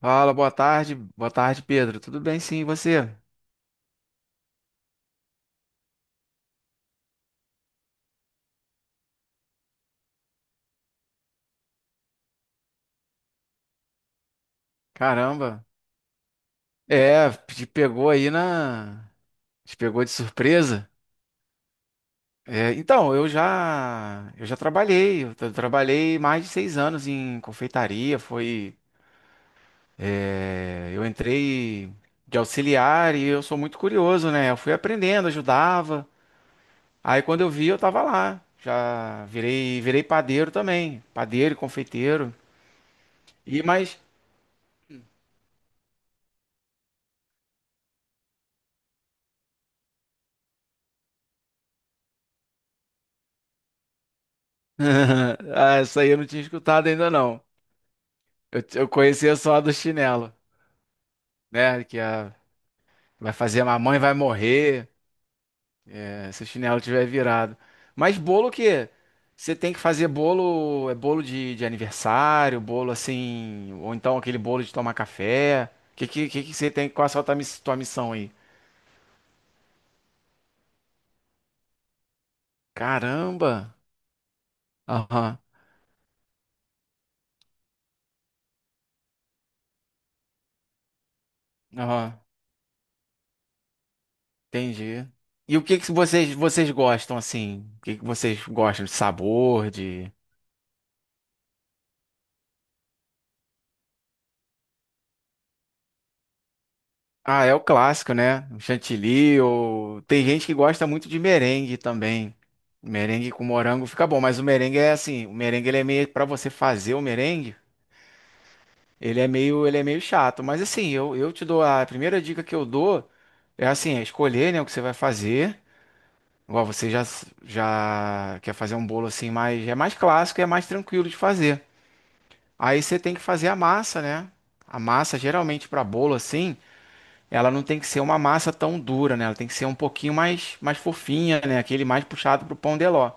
Fala, boa tarde. Boa tarde, Pedro. Tudo bem, sim, e você? Caramba. É, te pegou aí na. te pegou de surpresa? É, então, Eu já trabalhei. Trabalhei mais de 6 anos em confeitaria. Foi. É, eu entrei de auxiliar e eu sou muito curioso, né? Eu fui aprendendo, ajudava. Aí quando eu vi, eu tava lá. Já virei padeiro também. Padeiro e confeiteiro. E mais. Ah, essa aí eu não tinha escutado ainda, não. Eu conhecia só a do chinelo, né? Vai fazer mamãe vai morrer, é, se o chinelo tiver virado. Mas bolo que você tem que fazer bolo, é bolo de aniversário, bolo assim, ou então aquele bolo de tomar café. Que que você tem, qual é a tua missão aí? Caramba. Aham. Aham. Entendi. E o que que vocês gostam assim? O que que vocês gostam de sabor, de... Ah, é o clássico, né? O chantilly, ou tem gente que gosta muito de merengue também. Merengue com morango fica bom, mas o merengue é assim, o merengue ele é meio para você fazer o merengue, ele é meio chato, mas assim, eu te dou a primeira dica que eu dou é assim, é escolher, né, o que você vai fazer. Igual você já já quer fazer um bolo assim, mas é mais clássico e é mais tranquilo de fazer. Aí você tem que fazer a massa, né? A massa geralmente para bolo assim, ela não tem que ser uma massa tão dura, né? Ela tem que ser um pouquinho mais fofinha, né? Aquele mais puxado pro pão de ló.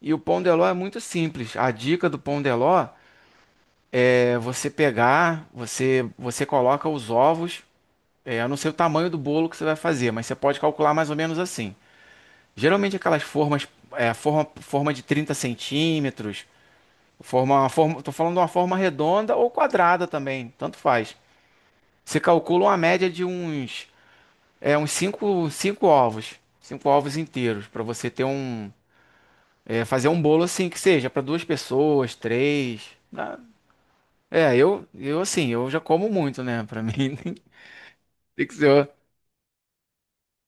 E o pão de ló é muito simples. A dica do pão de ló é você pegar, você coloca os ovos. É, eu não sei o tamanho do bolo que você vai fazer, mas você pode calcular mais ou menos assim. Geralmente aquelas formas, forma de 30 centímetros, forma, tô falando de uma forma redonda ou quadrada também, tanto faz. Você calcula uma média de uns cinco ovos inteiros pra você ter um, fazer um bolo assim que seja pra duas pessoas, três. É, eu já como muito, né? Pra mim tem que ser.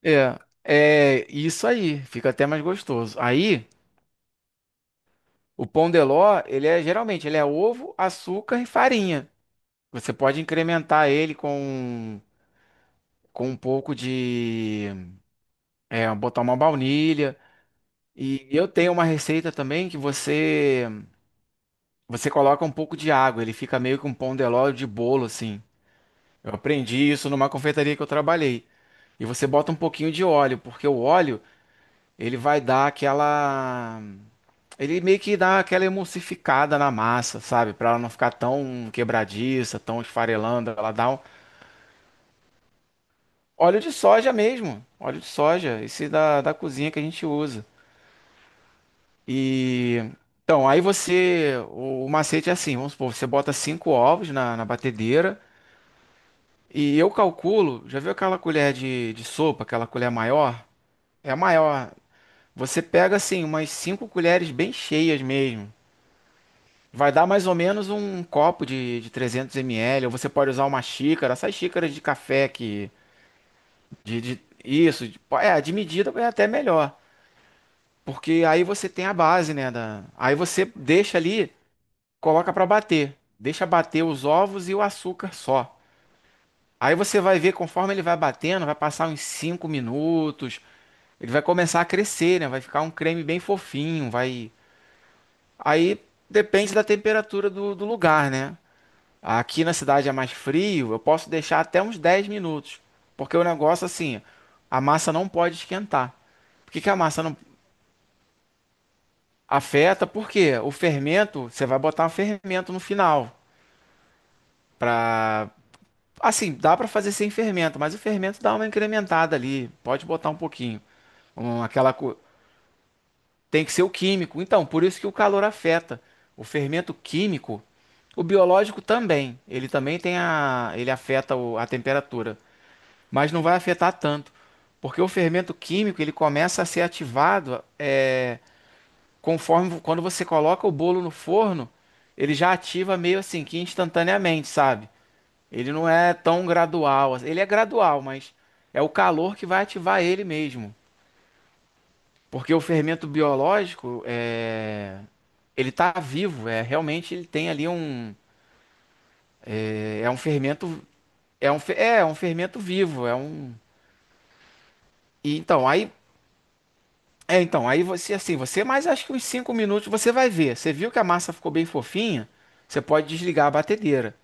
É, é isso aí. Fica até mais gostoso. Aí o pão de ló, ele é geralmente ele é ovo, açúcar e farinha. Você pode incrementar ele com um pouco de, botar uma baunilha. E eu tenho uma receita também que você você coloca um pouco de água, ele fica meio que um pão de ló de bolo, assim. Eu aprendi isso numa confeitaria que eu trabalhei. E você bota um pouquinho de óleo, porque o óleo, ele vai dar aquela... ele meio que dá aquela emulsificada na massa, sabe? Para ela não ficar tão quebradiça, tão esfarelando. Ela dá um. Óleo de soja mesmo. Óleo de soja, esse da cozinha que a gente usa. E. Então, o macete é assim, vamos supor, você bota cinco ovos na batedeira. E eu calculo, já viu aquela colher de sopa, aquela colher maior? É a maior. Você pega assim umas 5 colheres bem cheias mesmo. Vai dar mais ou menos um copo de 300 ml, ou você pode usar uma xícara, essas xícaras de café isso, de medida é até melhor, porque aí você tem a base, né, aí você deixa ali, coloca para bater. Deixa bater os ovos e o açúcar só. Aí você vai ver, conforme ele vai batendo, vai passar uns 5 minutos. Ele vai começar a crescer, né? Vai ficar um creme bem fofinho, vai. Aí depende da temperatura do lugar, né? Aqui na cidade é mais frio, eu posso deixar até uns 10 minutos. Porque o negócio, assim, a massa não pode esquentar. Por que que a massa não afeta? Porque o fermento, você vai botar um fermento no final. Pra. Assim, dá pra fazer sem fermento, mas o fermento dá uma incrementada ali. Pode botar um pouquinho. Um, aquela co- Tem que ser o químico. Então, por isso que o calor afeta. O fermento químico, o biológico também. Ele também ele afeta a temperatura, mas não vai afetar tanto, porque o fermento químico ele começa a ser ativado, conforme quando você coloca o bolo no forno, ele já ativa meio assim que instantaneamente, sabe? Ele não é tão gradual, assim. Ele é gradual, mas é o calor que vai ativar ele mesmo. Porque o fermento biológico é, ele está vivo, é realmente, ele tem ali um, é é um fermento é um fe- é é um fermento vivo, é um, e então aí, então aí você assim, você mais acho que uns 5 minutos você vai ver. Você viu que a massa ficou bem fofinha, você pode desligar a batedeira.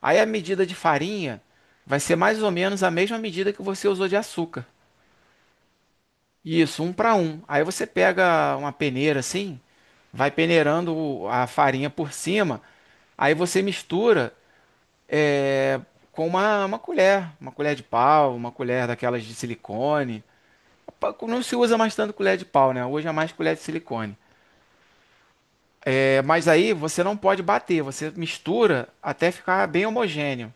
Aí a medida de farinha vai ser mais ou menos a mesma medida que você usou de açúcar. Isso, um para um. Aí você pega uma peneira assim, vai peneirando a farinha por cima. Aí você mistura com uma colher, uma colher de pau, uma colher daquelas de silicone. Não se usa mais tanto colher de pau, né? Hoje é mais colher de silicone. É, mas aí você não pode bater, você mistura até ficar bem homogêneo.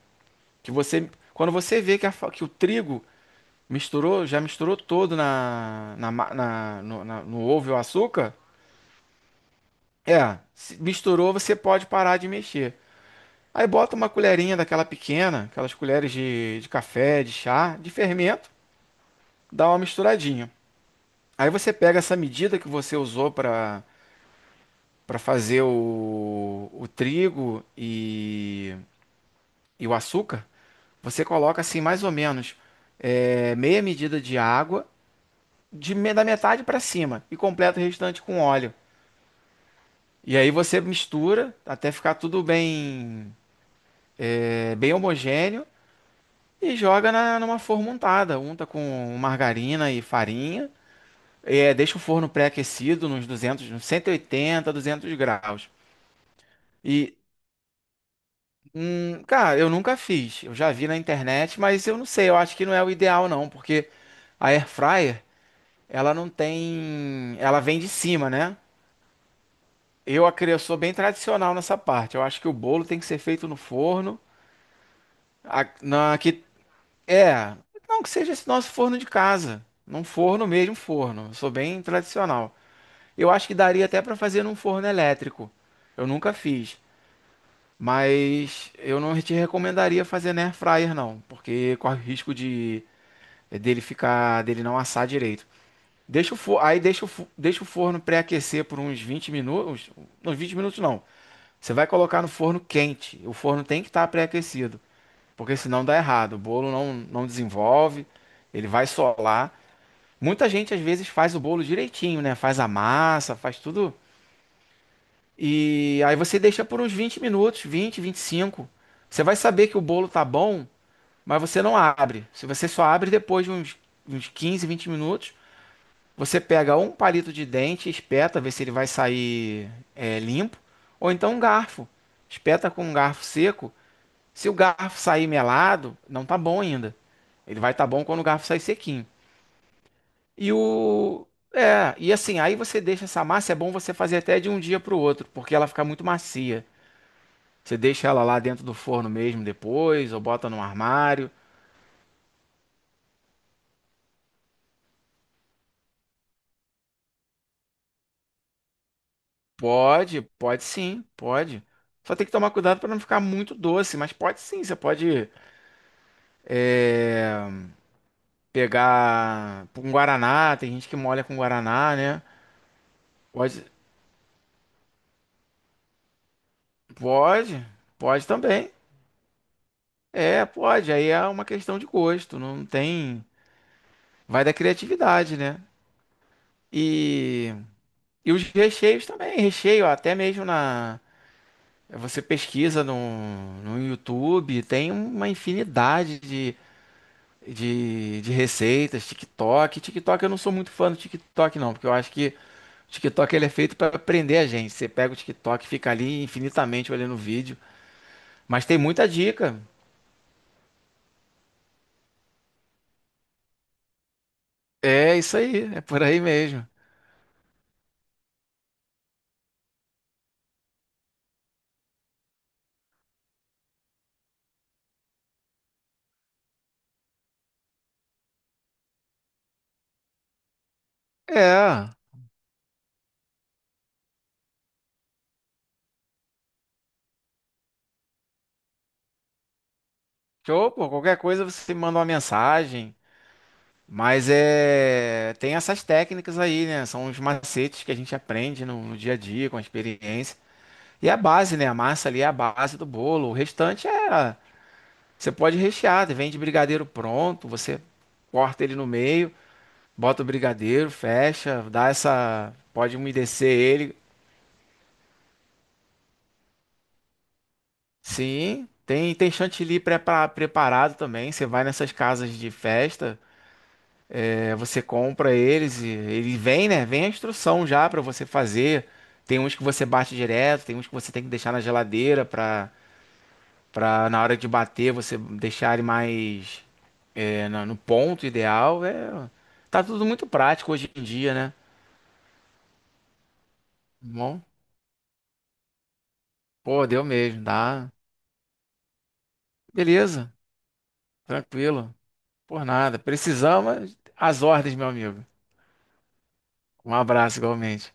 Que você, quando você vê que, o trigo misturou, já misturou todo na, no ovo e o açúcar, se misturou, você pode parar de mexer. Aí bota uma colherinha daquela pequena, aquelas colheres de café, de chá, de fermento. Dá uma misturadinha. Aí você pega essa medida que você usou para fazer o trigo e o açúcar, você coloca assim mais ou menos, meia medida de água, da metade para cima, e completa o restante com óleo. E aí você mistura até ficar tudo bem homogêneo, e joga numa forma untada, unta com margarina e farinha. É, deixa o forno pré-aquecido nos 200, nos 180 200 graus. E, cara, eu nunca fiz. Eu já vi na internet, mas eu não sei. Eu acho que não é o ideal, não, porque a air fryer, ela não tem. Ela vem de cima, né? Eu sou bem tradicional nessa parte. Eu acho que o bolo tem que ser feito no forno. A- na, que, é, não que seja esse nosso forno de casa. Num forno mesmo, forno. Eu sou bem tradicional. Eu acho que daria até para fazer num forno elétrico. Eu nunca fiz. Mas eu não te recomendaria fazer na air fryer não, porque corre o risco de dele ficar, dele não assar direito. Deixa o forno, aí deixa deixa o forno pré-aquecer por uns 20 minutos, uns 20 minutos não. Você vai colocar no forno quente. O forno tem que estar pré-aquecido, porque senão dá errado. O bolo não desenvolve, ele vai solar. Muita gente às vezes faz o bolo direitinho, né? Faz a massa, faz tudo. E aí você deixa por uns 20 minutos, 20, 25. Você vai saber que o bolo tá bom, mas você não abre. Se você só abre depois de uns 15, 20 minutos, você pega um palito de dente, espeta, vê se ele vai sair, limpo, ou então um garfo. Espeta com um garfo seco. Se o garfo sair melado, não tá bom ainda. Ele vai estar, tá bom, quando o garfo sair sequinho. E o e assim, aí você deixa essa massa, é bom você fazer até de um dia para o outro, porque ela fica muito macia. Você deixa ela lá dentro do forno mesmo depois, ou bota no armário? Pode, pode sim, pode. Só tem que tomar cuidado para não ficar muito doce, mas pode sim. Você pode, é, pegar com guaraná, tem gente que molha com guaraná, né? Pode, pode, pode também. É, pode. Aí é uma questão de gosto, não tem. Vai da criatividade, né? E, e os recheios também, recheio até mesmo na. Você pesquisa no YouTube, tem uma infinidade de receitas, TikTok. TikTok, eu não sou muito fã do TikTok, não, porque eu acho que o TikTok ele é feito para prender a gente. Você pega o TikTok e fica ali infinitamente olhando o vídeo. Mas tem muita dica. É isso aí, é por aí mesmo. É, show, pô, qualquer coisa você manda uma mensagem. Mas tem essas técnicas aí, né? São os macetes que a gente aprende no dia a dia, com a experiência. E é a base, né? A massa ali é a base do bolo. O restante é. Você pode rechear, vende brigadeiro pronto, você corta ele no meio, bota o brigadeiro, fecha, dá essa. Pode umedecer ele. Sim, tem chantilly preparado também. Você vai nessas casas de festa, você compra eles e ele vem, né? Vem a instrução já para você fazer. Tem uns que você bate direto, tem uns que você tem que deixar na geladeira para Pra na hora de bater você deixar ele mais, no ponto ideal. É, tá tudo muito prático hoje em dia, né? Bom, pô, deu mesmo, dá. Beleza, tranquilo. Por nada. Precisamos, as ordens, meu amigo. Um abraço igualmente.